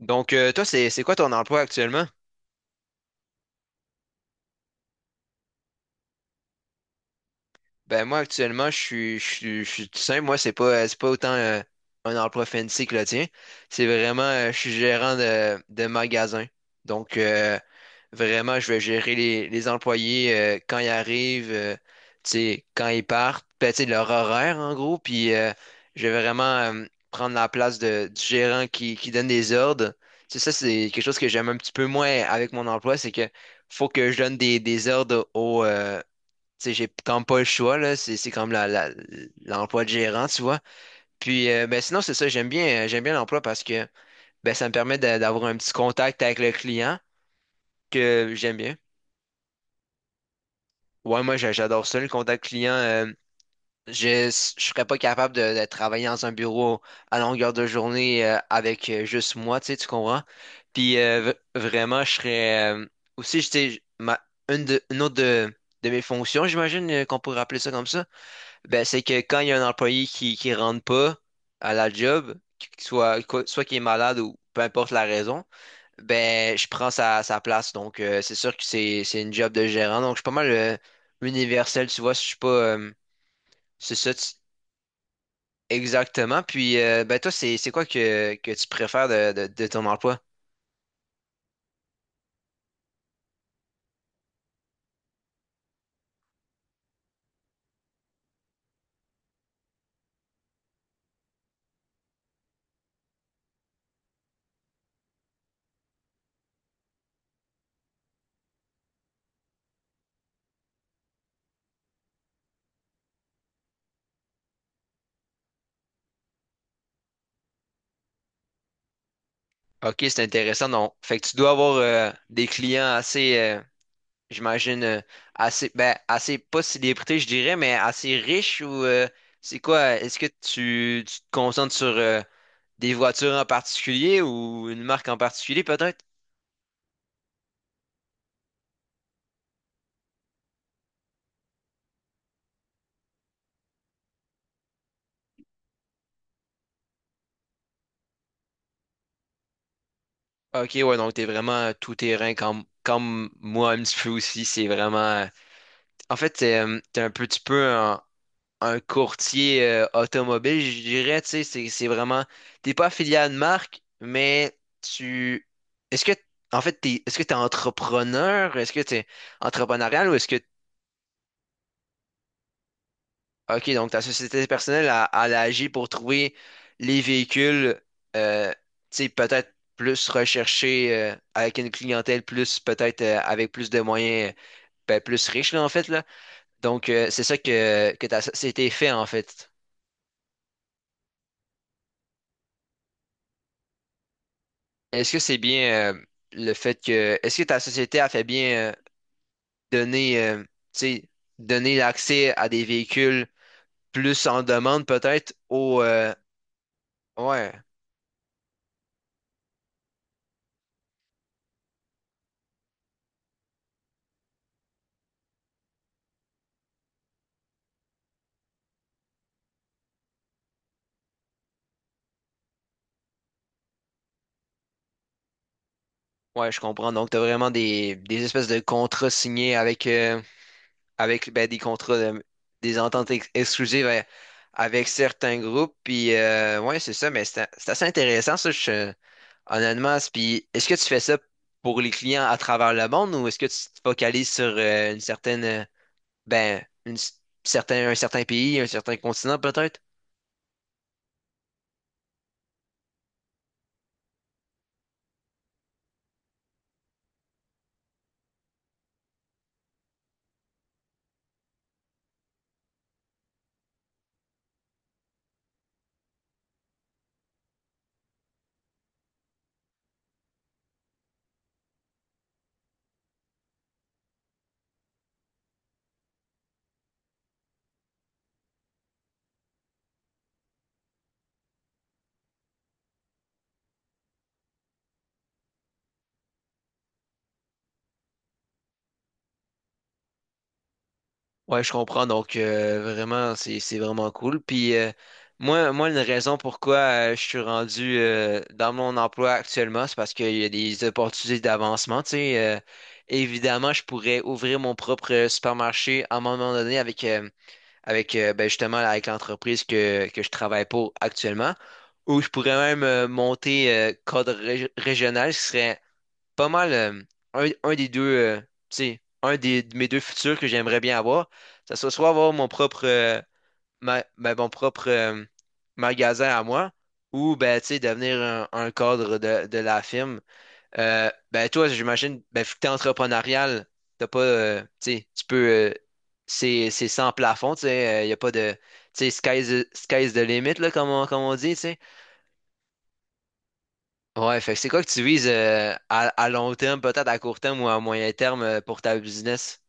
Toi, c'est quoi ton emploi actuellement? Moi, actuellement, je suis tout simple. Moi, c'est pas autant un emploi fancy que le tien. C'est vraiment, je suis gérant de magasin. Donc, euh, Vraiment, je vais gérer les employés quand ils arrivent, tu sais, quand ils partent, ben, tu sais, leur horaire en gros, puis je vais vraiment prendre la place du gérant qui donne des ordres. Tu sais, ça, c'est quelque chose que j'aime un petit peu moins avec mon emploi, c'est que faut que je donne des ordres au, tu sais, j'ai quand même pas le choix, là, c'est comme l'emploi de gérant, tu vois. Puis, ben, sinon, c'est ça, j'aime bien l'emploi parce que ben, ça me permet d'avoir un petit contact avec le client que j'aime bien. Ouais, j'adore ça, le contact client. Je je serais pas capable de travailler dans un bureau à longueur de journée avec juste moi, tu sais, tu comprends? Vraiment, je serais aussi, je sais, ma une de une autre de de mes fonctions, j'imagine qu'on pourrait appeler ça comme ça, ben c'est que quand il y a un employé qui rentre pas à la job, soit qui est malade ou peu importe la raison. Ben, je prends sa place, donc c'est sûr que c'est une job de gérant, donc je suis pas mal universel, tu vois, je suis pas... c'est ça, exactement. Puis, ben toi, c'est quoi que tu préfères de ton emploi? Ok, c'est intéressant, donc fait que tu dois avoir des clients assez, j'imagine assez, pas célébrité, je dirais, mais assez riche ou c'est quoi? Est-ce que tu te concentres sur des voitures en particulier ou une marque en particulier peut-être? Ok, ouais, donc t'es vraiment tout terrain comme, comme moi un petit peu aussi. C'est vraiment. En fait, t'es, t'es un petit peu. En, un courtier automobile, je dirais, tu sais, c'est vraiment, t'es pas affilié à une marque, mais tu, est-ce que, en fait, t'es, est-ce que t'es entrepreneur, est-ce que t'es entrepreneurial ou est-ce que, ok, donc ta société personnelle a, elle agit pour trouver les véhicules, euh, tu sais, peut-être plus recherchés avec une clientèle plus, peut-être avec plus de moyens, ben, plus riche, là, en fait, là. Donc, c'est ça que ta société fait, en fait. Est-ce que c'est bien le fait que est-ce que ta société a fait bien donner tu sais donner l'accès à des véhicules plus en demande peut-être au ouais ouais je comprends donc t'as vraiment des espèces de contrats signés avec avec ben, des ententes exclusives avec certains groupes puis ouais c'est ça mais c'est assez intéressant ça honnêtement. Puis est-ce que tu fais ça pour les clients à travers le monde ou est-ce que tu te focalises sur une certaine ben, un certain pays, un certain continent peut-être. Ouais, je comprends. Donc, vraiment, c'est vraiment cool. Puis, moi, une raison pourquoi je suis rendu dans mon emploi actuellement, c'est parce qu'il y a des opportunités d'avancement. Évidemment, je pourrais ouvrir mon propre supermarché à un moment donné avec, ben, justement, avec l'entreprise que je travaille pour actuellement. Ou je pourrais même monter code régional, ce qui serait pas mal un des deux, tu sais, un des, de mes deux futurs que j'aimerais bien avoir, ça serait soit avoir mon propre, mon propre magasin à moi, ou ben, tu sais, devenir un cadre de la firme. Ben, toi, j'imagine, ben, vu que t'es entrepreneurial, t'as pas, tu sais, tu peux, euh, c'est sans plafond, tu sais, il n'y a pas de, tu sais, sky's the limit, là, comme on dit, tu sais. Ouais, fait que c'est quoi que tu vises à long terme, peut-être à court terme ou à moyen terme pour ta business?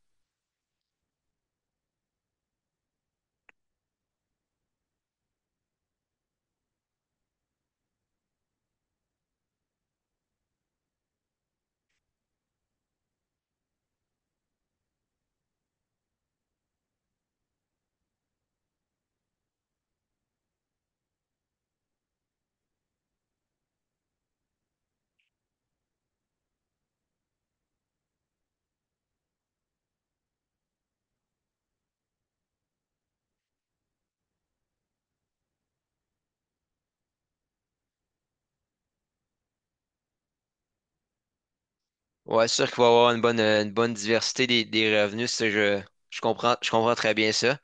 Ouais, c'est sûr qu'il va y avoir une bonne diversité des revenus, je comprends très bien ça.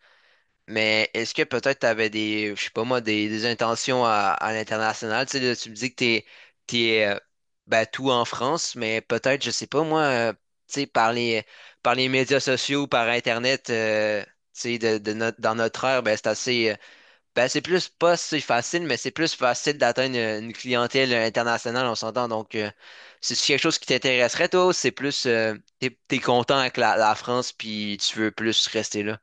Mais est-ce que peut-être tu avais des, je sais pas moi, des intentions à l'international? Tu sais, là, tu me dis que t'es, t'es euh, ben, tout en France, mais peut-être, je sais pas moi, tu sais, par les médias sociaux, par Internet, tu sais, de, dans notre ère, ben, c'est assez. Ben, c'est plus pas si facile, mais c'est plus facile d'atteindre une clientèle internationale, on s'entend. Donc, c'est quelque chose qui t'intéresserait, toi, ou c'est plus, t'es content avec la France, puis tu veux plus rester là.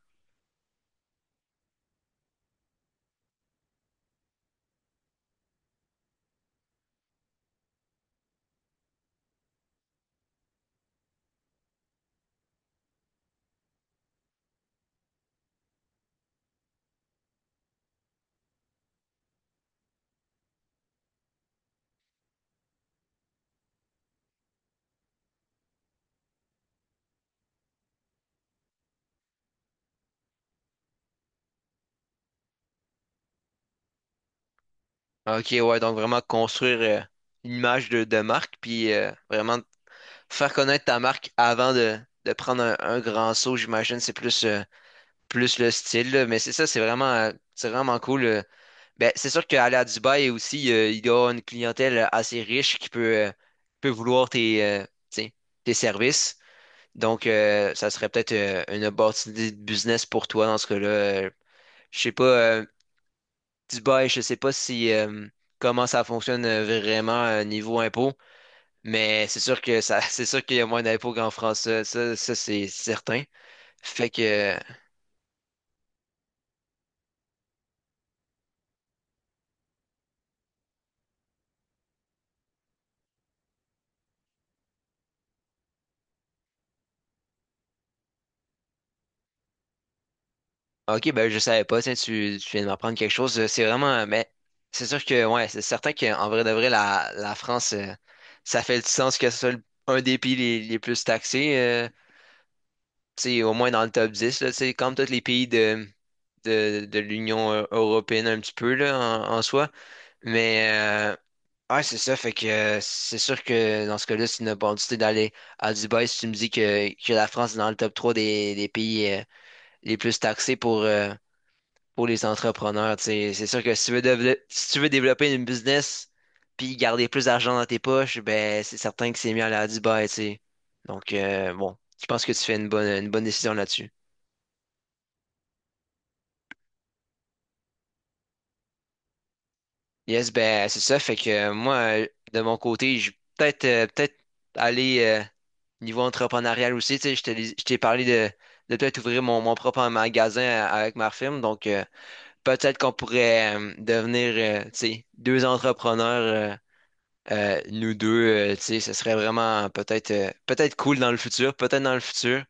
Ok, ouais, donc vraiment construire une image de marque, puis vraiment faire connaître ta marque avant de prendre un grand saut, j'imagine, c'est plus, plus le style, là. Mais c'est ça, c'est vraiment cool. Ben, c'est sûr qu'aller à Dubaï aussi, il y a une clientèle assez riche qui peut, euh, peut vouloir tes, tu sais, tes services. Donc, ça serait peut-être une opportunité de business pour toi dans ce cas-là. Je sais pas, Dubaï, je sais pas si comment ça fonctionne vraiment niveau impôt, mais c'est sûr que ça, c'est sûr qu'il y a moins d'impôts qu'en France. Ça, c'est certain. Fait que ok, ben je savais pas, tiens, tu viens de m'apprendre quelque chose. C'est vraiment, mais c'est sûr que, ouais, c'est certain qu'en vrai de vrai, la France, ça fait du sens que ce soit un des pays les plus taxés, tu sais, au moins dans le top 10. Là, tu sais, comme tous les pays de l'Union européenne un petit peu, là, en, en soi. Mais, ouais, c'est ça, fait que c'est sûr que dans ce cas-là, c'est une opportunité d'aller à Dubaï si tu me dis que la France est dans le top 3 des pays les plus taxés pour les entrepreneurs. Tu sais. C'est sûr que si tu veux, si tu veux développer une business puis garder plus d'argent dans tes poches, ben c'est certain que c'est mieux aller à Dubaï, tu sais. Donc bon, je pense que tu fais une bonne décision là-dessus. Yes, ben c'est ça. Fait que de mon côté, je peut-être peut-être aller niveau entrepreneurial aussi. Tu sais, je t'ai parlé de peut-être ouvrir mon propre magasin avec ma firme. Donc peut-être qu'on pourrait devenir tu sais, deux entrepreneurs. Nous deux, tu sais, ce serait vraiment peut-être cool dans le futur, peut-être dans le futur.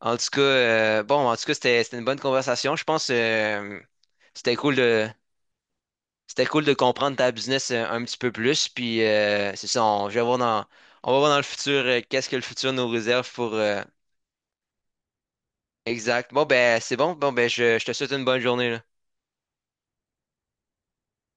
En tout cas, bon, en tout cas, c'était une bonne conversation. Je pense c'était cool de comprendre ta business un petit peu plus. Puis c'est ça, je vais voir dans on va voir dans le futur qu'est-ce que le futur nous réserve pour exact. Bon ben c'est bon. Bon ben je te souhaite une bonne journée là.